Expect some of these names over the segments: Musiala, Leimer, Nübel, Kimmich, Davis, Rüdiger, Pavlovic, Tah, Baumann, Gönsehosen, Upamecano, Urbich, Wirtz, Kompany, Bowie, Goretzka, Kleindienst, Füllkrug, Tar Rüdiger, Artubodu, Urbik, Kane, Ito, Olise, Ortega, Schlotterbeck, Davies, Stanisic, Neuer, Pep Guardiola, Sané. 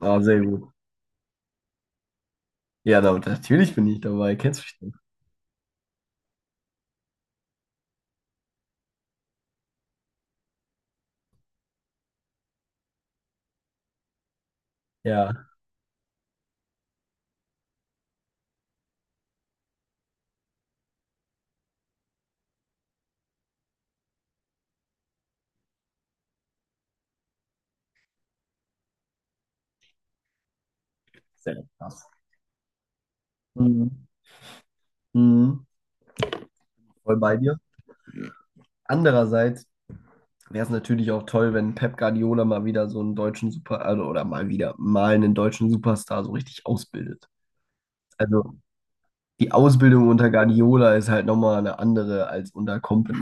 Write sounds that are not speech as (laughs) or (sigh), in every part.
Ah, sehr gut. Ja, da, natürlich bin ich dabei. Kennst mich doch. Ja, sehr krass. Mhm. Mhm. Voll bei dir. Andererseits wäre es natürlich auch toll, wenn Pep Guardiola mal wieder so einen deutschen Super, also, oder mal wieder mal einen deutschen Superstar so richtig ausbildet. Also die Ausbildung unter Guardiola ist halt nochmal eine andere als unter Kompany.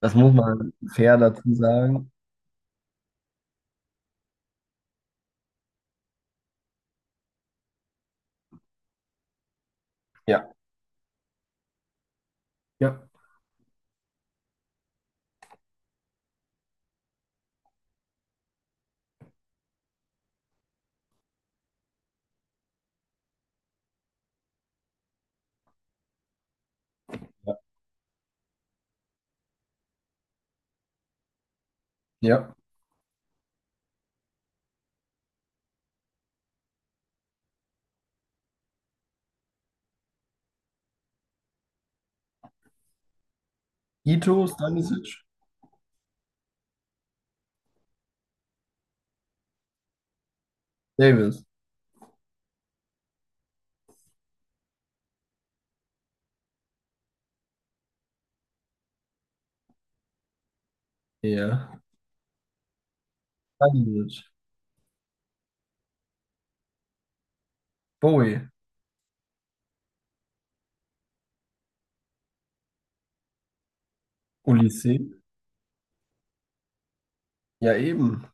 Das muss man fair dazu sagen. Ja. Ja. Ja. Ja. Ito, Stanisic, Davis. Ja. Stanisic, Bowie, Olise. Ja, eben.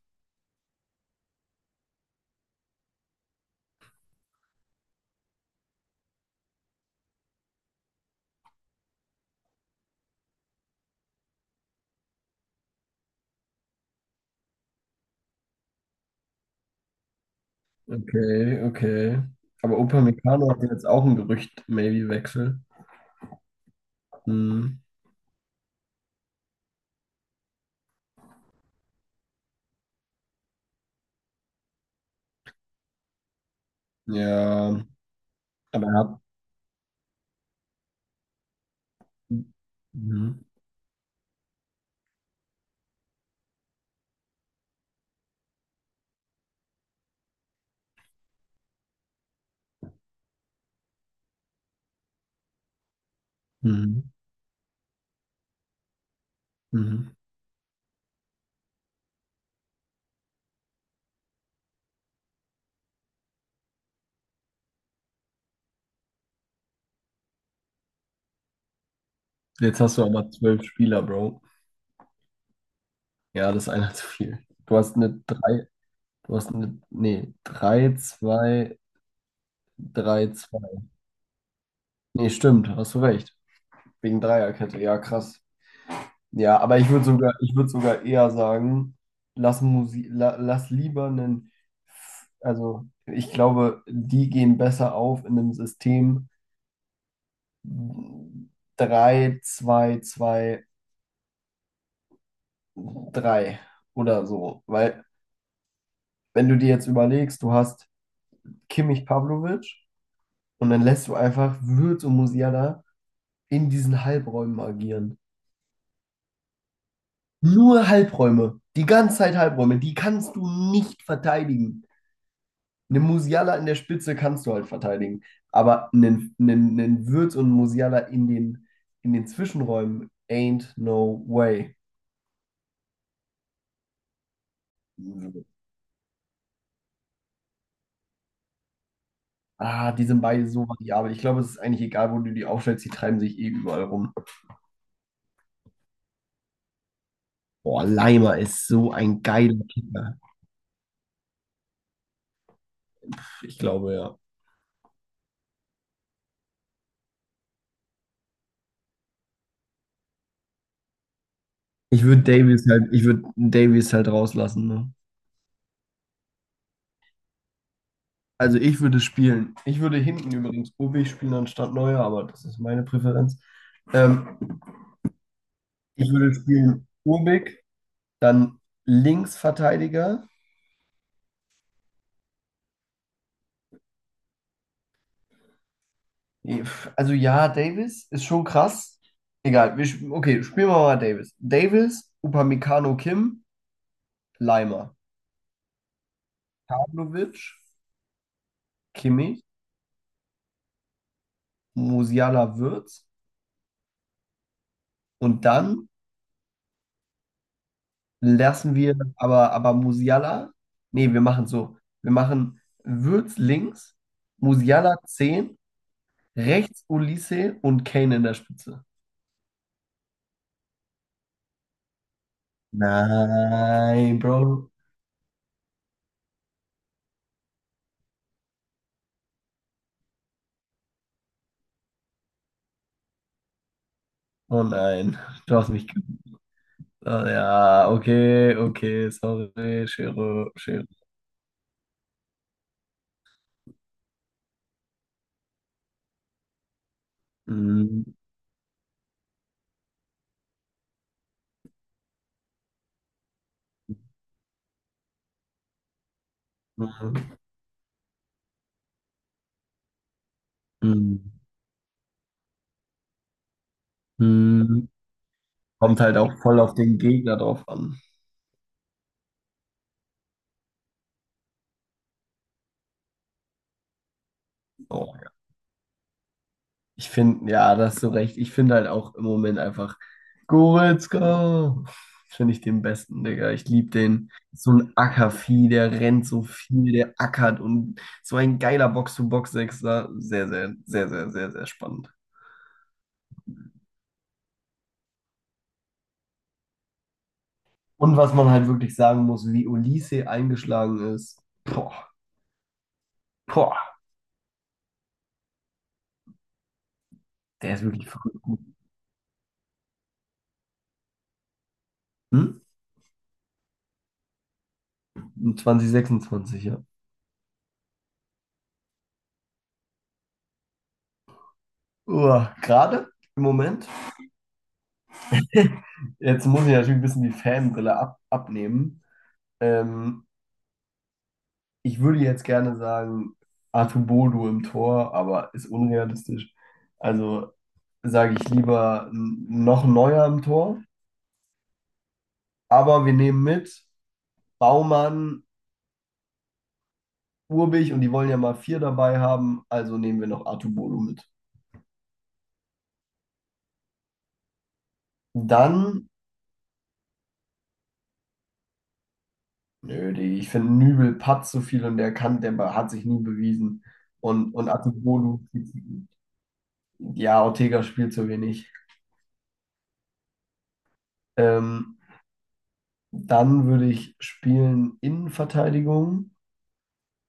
Okay, okay. Aber Upamecano hat jetzt auch ein Gerücht, maybe Wechsel. Hm. Ja, aber er hat. Mhm. Mhm. Mhm. Jetzt hast du aber 12 Spieler, Bro. Ja, das ist einer zu viel. Du hast eine 3, du hast eine, nee, 3 2 3 2. Nee, stimmt, hast du recht. Wegen Dreierkette, ja, krass. Ja, aber ich würde sogar eher sagen, lass lieber einen, also ich glaube, die gehen besser auf in einem System 3-2-2-3 oder so. Weil, wenn du dir jetzt überlegst, du hast Kimmich Pavlovic und dann lässt du einfach Wirtz und Musiala in diesen Halbräumen agieren. Nur Halbräume, die ganze Zeit Halbräume, die kannst du nicht verteidigen. Einen Musiala in der Spitze kannst du halt verteidigen, aber einen Wirtz und einen Musiala in den Zwischenräumen ain't no way. Ah, die sind beide so variabel. Ich glaube, es ist eigentlich egal, wo du die aufstellst, die treiben sich eh überall rum. Boah, Leimer ist so ein geiler Kicker. Ich glaube, ja. Ich würde Davies halt rauslassen, ne? Also ich würde spielen. Ich würde hinten übrigens Ubi spielen anstatt Neuer, aber das ist meine Präferenz. Ähm, Ich würde spielen Urbik. Dann Linksverteidiger. Also ja, Davis ist schon krass. Egal, okay, spielen wir mal Davis. Davis, Upamecano Kim, Leimer, Pavlovic, Kimmich, Musiala Wirtz und dann lassen wir aber Musiala, nee, wir machen Wirtz links, Musiala 10, rechts Olise und Kane in der Spitze. Nein, Bro. Oh nein, du hast mich. Ah, ja, okay, okay, sorry, Schere, Schere. Mhm. Mhm. Mhm. Mhm. Kommt halt auch voll auf den Gegner drauf an. Oh, ja. Ich finde, ja, da hast du recht. Ich finde halt auch im Moment einfach Goretzka. Finde ich den besten, Digga. Ich liebe den. So ein Ackervieh, der rennt so viel, der ackert und so ein geiler Box-to-Box-Sechser. Sehr, sehr, sehr, sehr, sehr, sehr spannend. Und was man halt wirklich sagen muss, wie Olise eingeschlagen ist. Boah. Boah, der ist wirklich verrückt gut. Hm? 2026, ja. Uah, gerade im Moment. (laughs) Jetzt muss ich natürlich ein bisschen die Fanbrille ab abnehmen. Ähm, ich würde jetzt gerne sagen, Artubodu im Tor, aber ist unrealistisch. Also sage ich lieber noch Neuer im Tor. Aber wir nehmen mit Baumann, Urbich und die wollen ja mal vier dabei haben, also nehmen wir noch Artubodu mit. Dann. Nö, die, ich finde, Nübel patzt so viel und der kann, der hat sich nie bewiesen. Und Atubolu, ja, Ortega spielt zu wenig. Ähm, Dann würde ich spielen Innenverteidigung,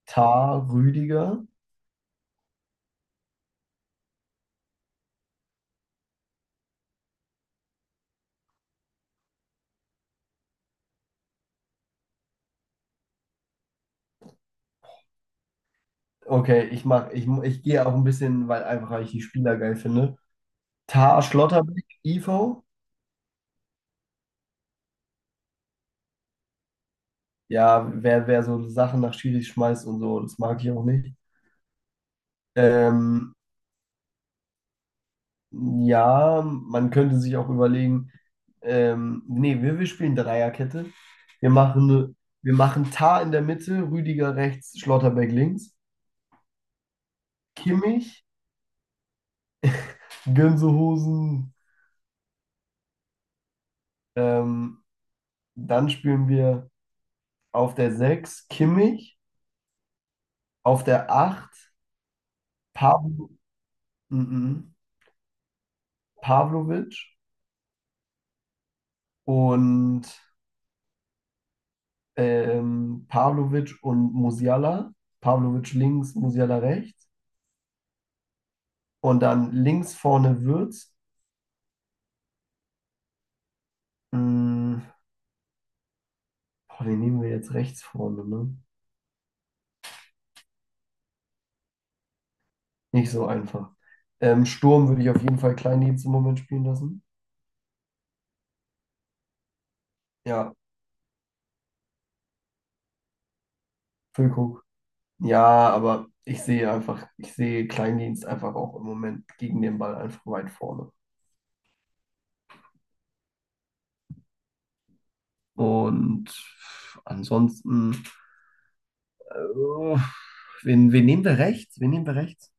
Tar Rüdiger. Okay, ich gehe auch ein bisschen, weil ich die Spieler geil finde. Tar Schlotterbeck, Ivo. Ja, wer so Sachen nach Schiri schmeißt und so, das mag ich auch nicht. Ähm, Ja, man könnte sich auch überlegen, nee, wir spielen Dreierkette. Wir machen, ne- wir machen Tah in der Mitte, Rüdiger rechts, Schlotterbeck links, Kimmich, Gönsehosen. Ähm, Dann spielen wir auf der 6 Kimmich, auf der 8 Pavlo, mhm, Pavlovic und Pavlovic und Musiala. Pavlovic links, Musiala rechts. Und dann links vorne Wirtz. Mm, Boah, wen nehmen wir jetzt rechts vorne, ne? Nicht so einfach. Sturm würde ich auf jeden Fall Kleindienst im Moment spielen lassen. Ja, Füllkrug. Ja, aber ich sehe Kleindienst einfach auch im Moment gegen den Ball einfach weit vorne. Und ansonsten, äh, wen nehmen wir rechts? Wen nehmen wir rechts?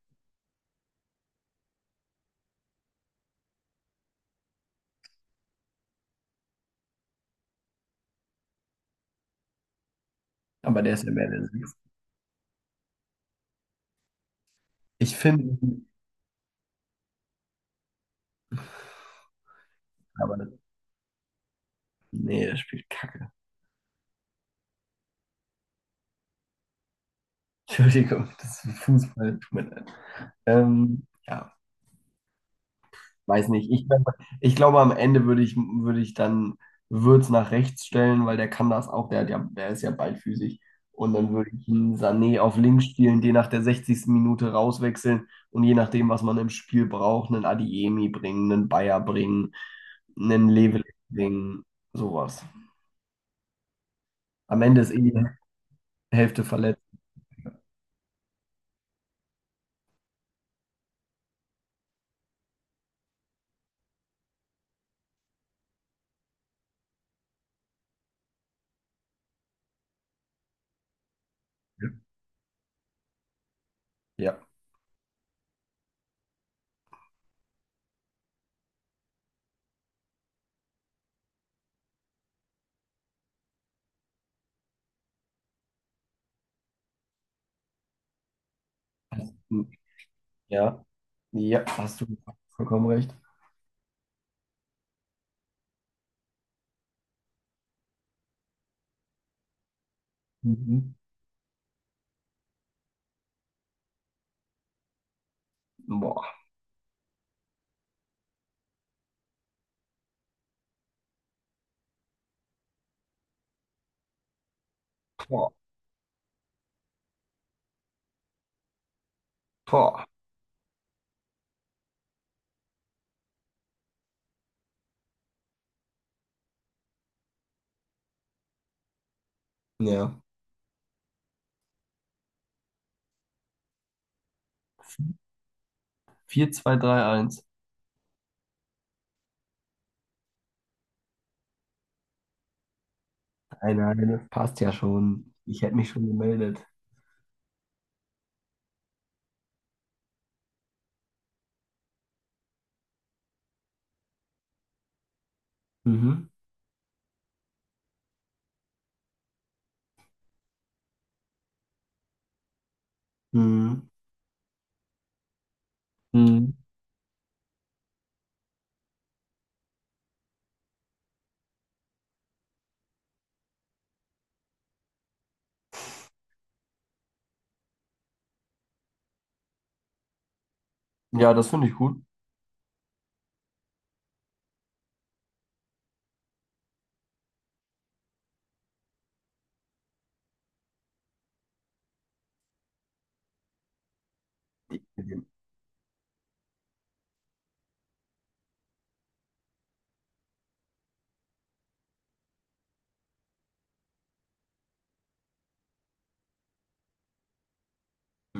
Aber der ist ja mehr der Sechs. Ich finde, aber nee, der spielt Kacke. (laughs) Entschuldigung, das ist Fußball, tut mir leid. Ja, weiß nicht. Ich glaube, am Ende würde ich dann Würz nach rechts stellen, weil der kann das auch. Der, hat ja, der ist ja ballfüßig. Und dann würde ich ihn Sané auf links spielen, den nach der 60. Minute rauswechseln und je nachdem, was man im Spiel braucht, einen Adiemi bringen, einen Bayer bringen, einen Level bringen, sowas. Am Ende ist eh die Hälfte verletzt. Ja. Ja. Ja, hast du vollkommen recht. Mhm. Boah. Boah. Boah. Ja. 4-2-3-1. Nein, nein, das passt ja schon. Ich hätte mich schon gemeldet. Mhm. Mhm. Mhm. Ja, das finde ich gut.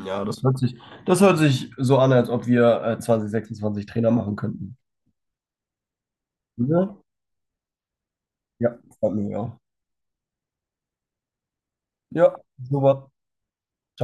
Ja, das hört sich so an, als ob wir 2026 Trainer machen könnten. Ja, ja, freut mich auch. Ja, super. Ciao.